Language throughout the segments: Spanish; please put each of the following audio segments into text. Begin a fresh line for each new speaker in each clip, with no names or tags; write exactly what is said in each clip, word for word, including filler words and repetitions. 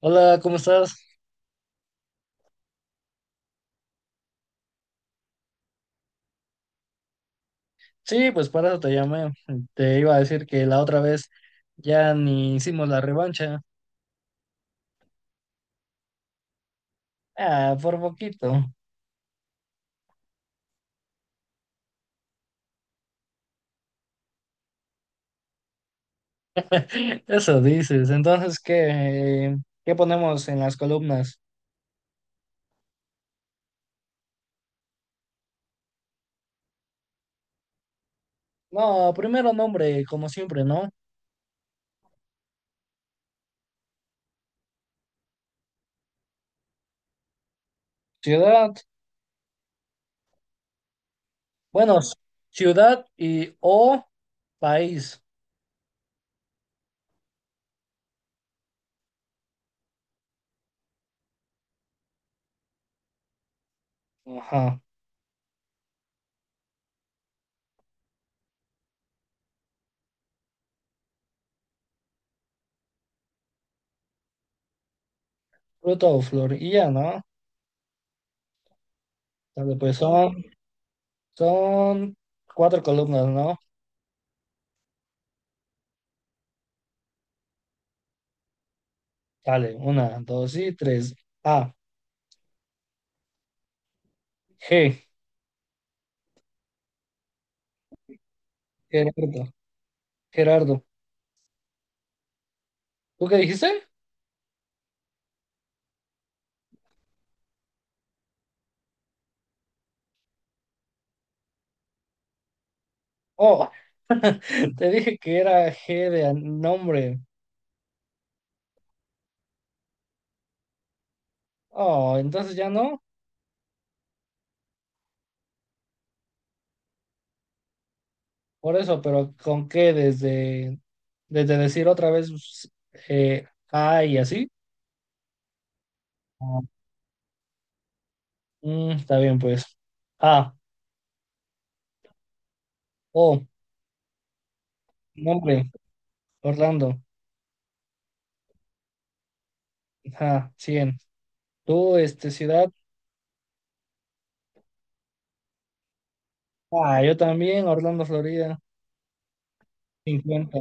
Hola, ¿cómo estás? Sí, pues para eso te llamé. Te iba a decir que la otra vez ya ni hicimos la revancha. Ah, por poquito. Eso dices. Entonces, ¿qué, qué ponemos en las columnas? No, primero nombre, como siempre, ¿no? Ciudad. Bueno, s- ciudad y o país. Ajá. Fruta o flor. Y ya, ¿no? Dale, pues son, son cuatro columnas, ¿no? Dale, una, dos y tres. A, G. Gerardo, Gerardo. ¿Tú qué dijiste? Oh, te dije que era G de an- nombre. Oh, entonces ya no. Por eso, pero ¿con qué? Desde, desde decir otra vez s- eh, A y así. Ah, mm, está bien, pues. A, O, nombre, Orlando. Ajá, cien. Tú, este, ciudad. Ah, yo también, Orlando, Florida. Cincuenta.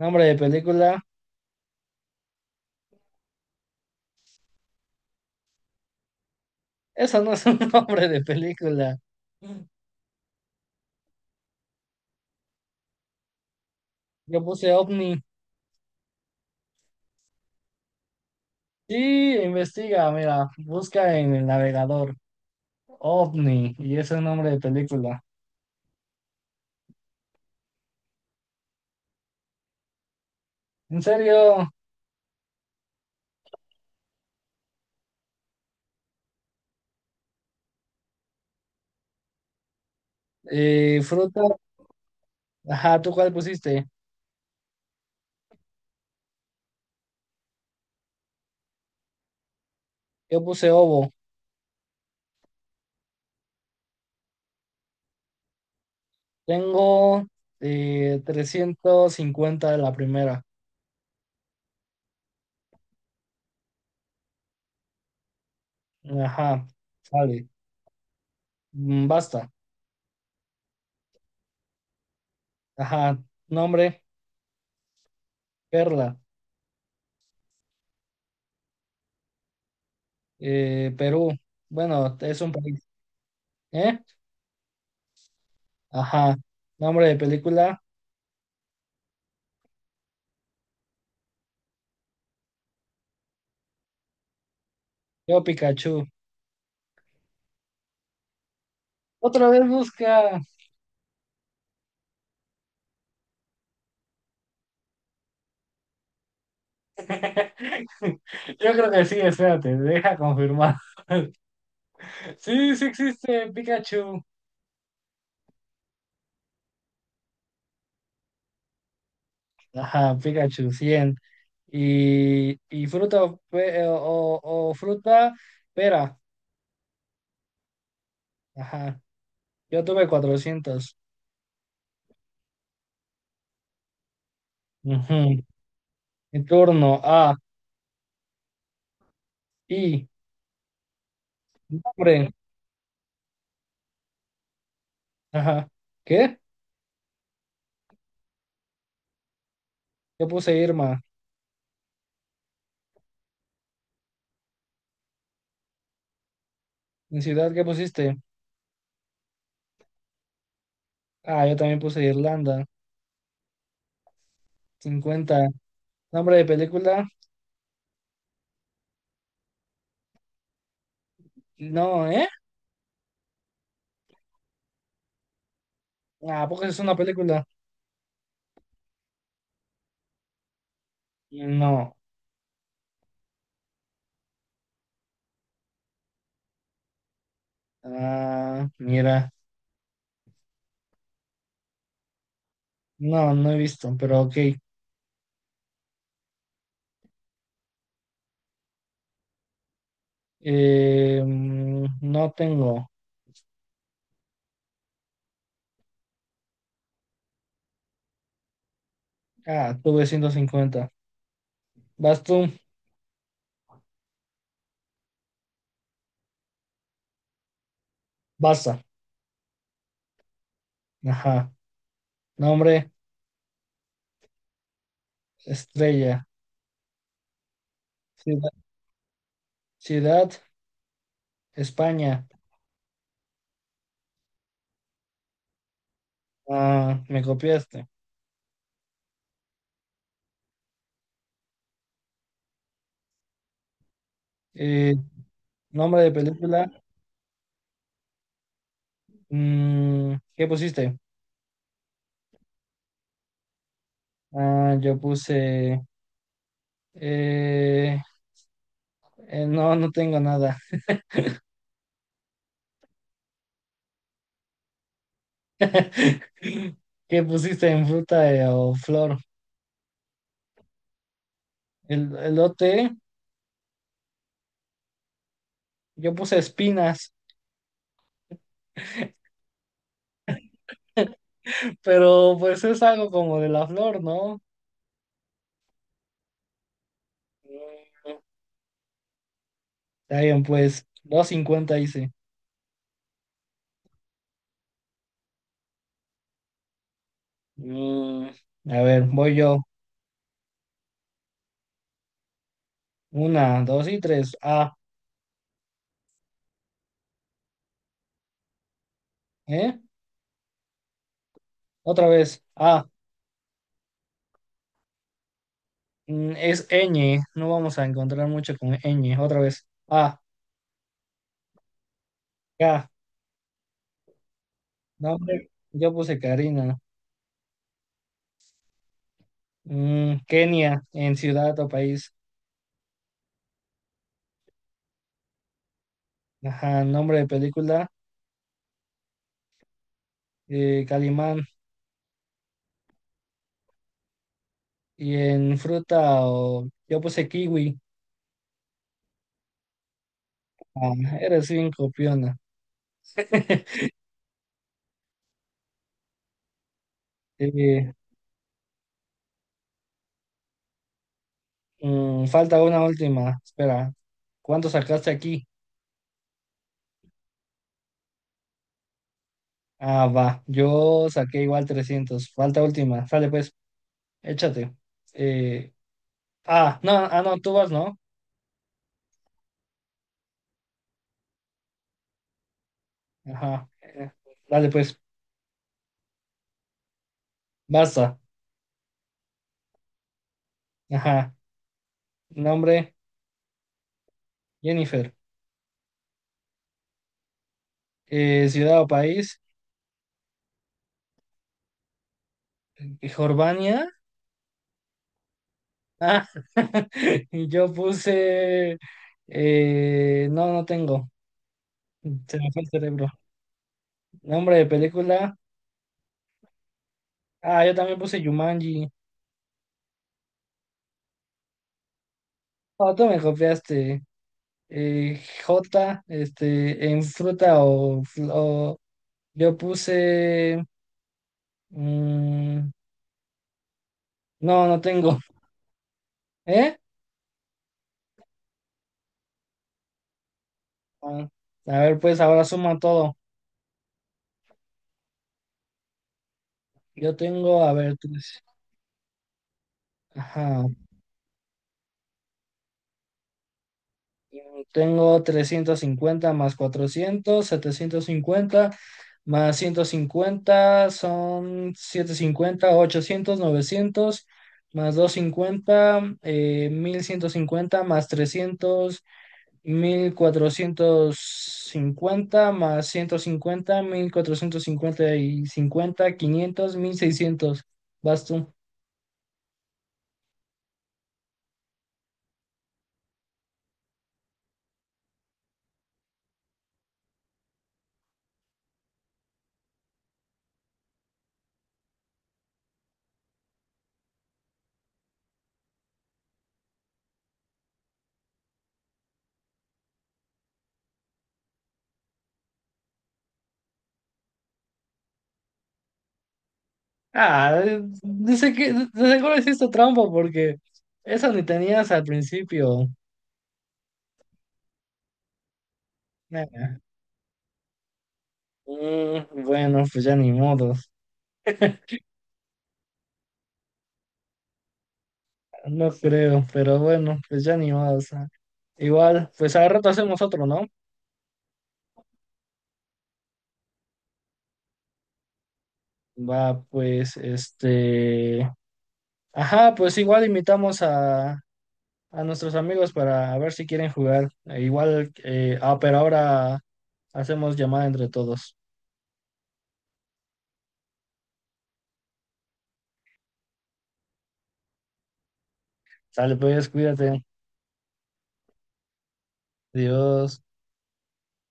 Nombre de película. Esa no es un nombre de película. Yo puse OVNI. Sí, investiga, mira, busca en el navegador OVNI y ese es el nombre de película. En serio, eh, fruta, ajá, ¿tú cuál pusiste? Yo puse ovo. Tengo eh, trescientos cincuenta de la primera. Ajá, sale. Mm. Basta. Ajá, nombre, Perla, eh, Perú. Bueno, es un país. ¿Eh? Ajá, nombre de película, yo Pikachu. Otra vez busca. Yo creo que sí, espérate, deja confirmar. Sí, sí existe Pikachu. Ajá, Pikachu cien. Y, y fruta o, pe- eh, o- o fruta, pera. Ajá, yo tuve cuatrocientos. Ujú. Mi turno. A, i, nombre. Ajá. ¿Qué? Yo puse Irma. ¿En ciudad qué pusiste? Ah, yo también puse Irlanda. Cincuenta. ¿Nombre de película? No, ¿eh? Ah, porque es una película. No. Ah, mira, no, no he visto, pero ok. Eh, mm, no tengo. Ah, tuve ciento cincuenta. Vas tú, Barça. Ajá. Nombre, estrella. Cida- Ciudad, España. Ah, me copiaste. Eh, Nombre de película, mm, ¿qué pusiste? Ah, yo puse... eh, eh, no, no tengo nada. ¿Qué pusiste en fruta eh, o flor? El elote. Yo puse espinas, pero pues es algo como de la flor, ¿no? Mm, Está bien, pues dos cincuenta hice. Mm, a ver, voy yo. Una, dos y tres. A, ¿eh? Otra vez. A. Mm, es ñ. No vamos a encontrar mucho con ñ. Otra vez. A, K. No, hombre, yo puse Karina. Mm, Kenia, en ciudad o país. Ajá, nombre de película. eh, Calimán. Y en fruta o... Yo puse kiwi. Ah, eres bien copiona. Eh, mm, Falta una última. Espera, ¿cuánto sacaste aquí? Ah, va. Yo saqué igual trescientos. Falta última. Sale pues, échate. Eh, ah, no, ah, no, tú vas, ¿no? Ajá. Eh, dale pues, basta. Ajá. Nombre, Jennifer. Eh, ciudad o país, eh, Jordania. Ah, y yo puse... eh, no, no tengo. Se me fue el cerebro. Nombre de película. Ah, yo también puse Jumanji. Oh, tú me copiaste. Eh, J, este, en fruta o, fl- o- yo puse. mm, no, no tengo. ¿Eh? Ah, a ver, pues ahora suma todo. Yo tengo, a ver, tres. Ajá. Tengo trescientos cincuenta más cuatrocientos setecientos cincuenta más ciento cincuenta son setecientos cincuenta ochocientos novecientos más doscientos cincuenta, eh, mil ciento cincuenta más trescientos mil cuatrocientos cincuenta más ciento cincuenta mil cuatrocientos cincuenta y cincuenta, quinientos, mil seiscientos. Vas tú. Ah, dice que de seguro hiciste trampa porque eso ni tenías al principio. Nah. Mm, bueno, pues ya ni modos. No creo, pero bueno, pues ya ni modos. Igual, pues al rato hacemos otro, ¿no? Va, pues, este... Ajá, pues igual invitamos a, a nuestros amigos para ver si quieren jugar. Eh, igual, eh, ah, pero ahora hacemos llamada entre todos. Sale, pues, cuídate. Dios.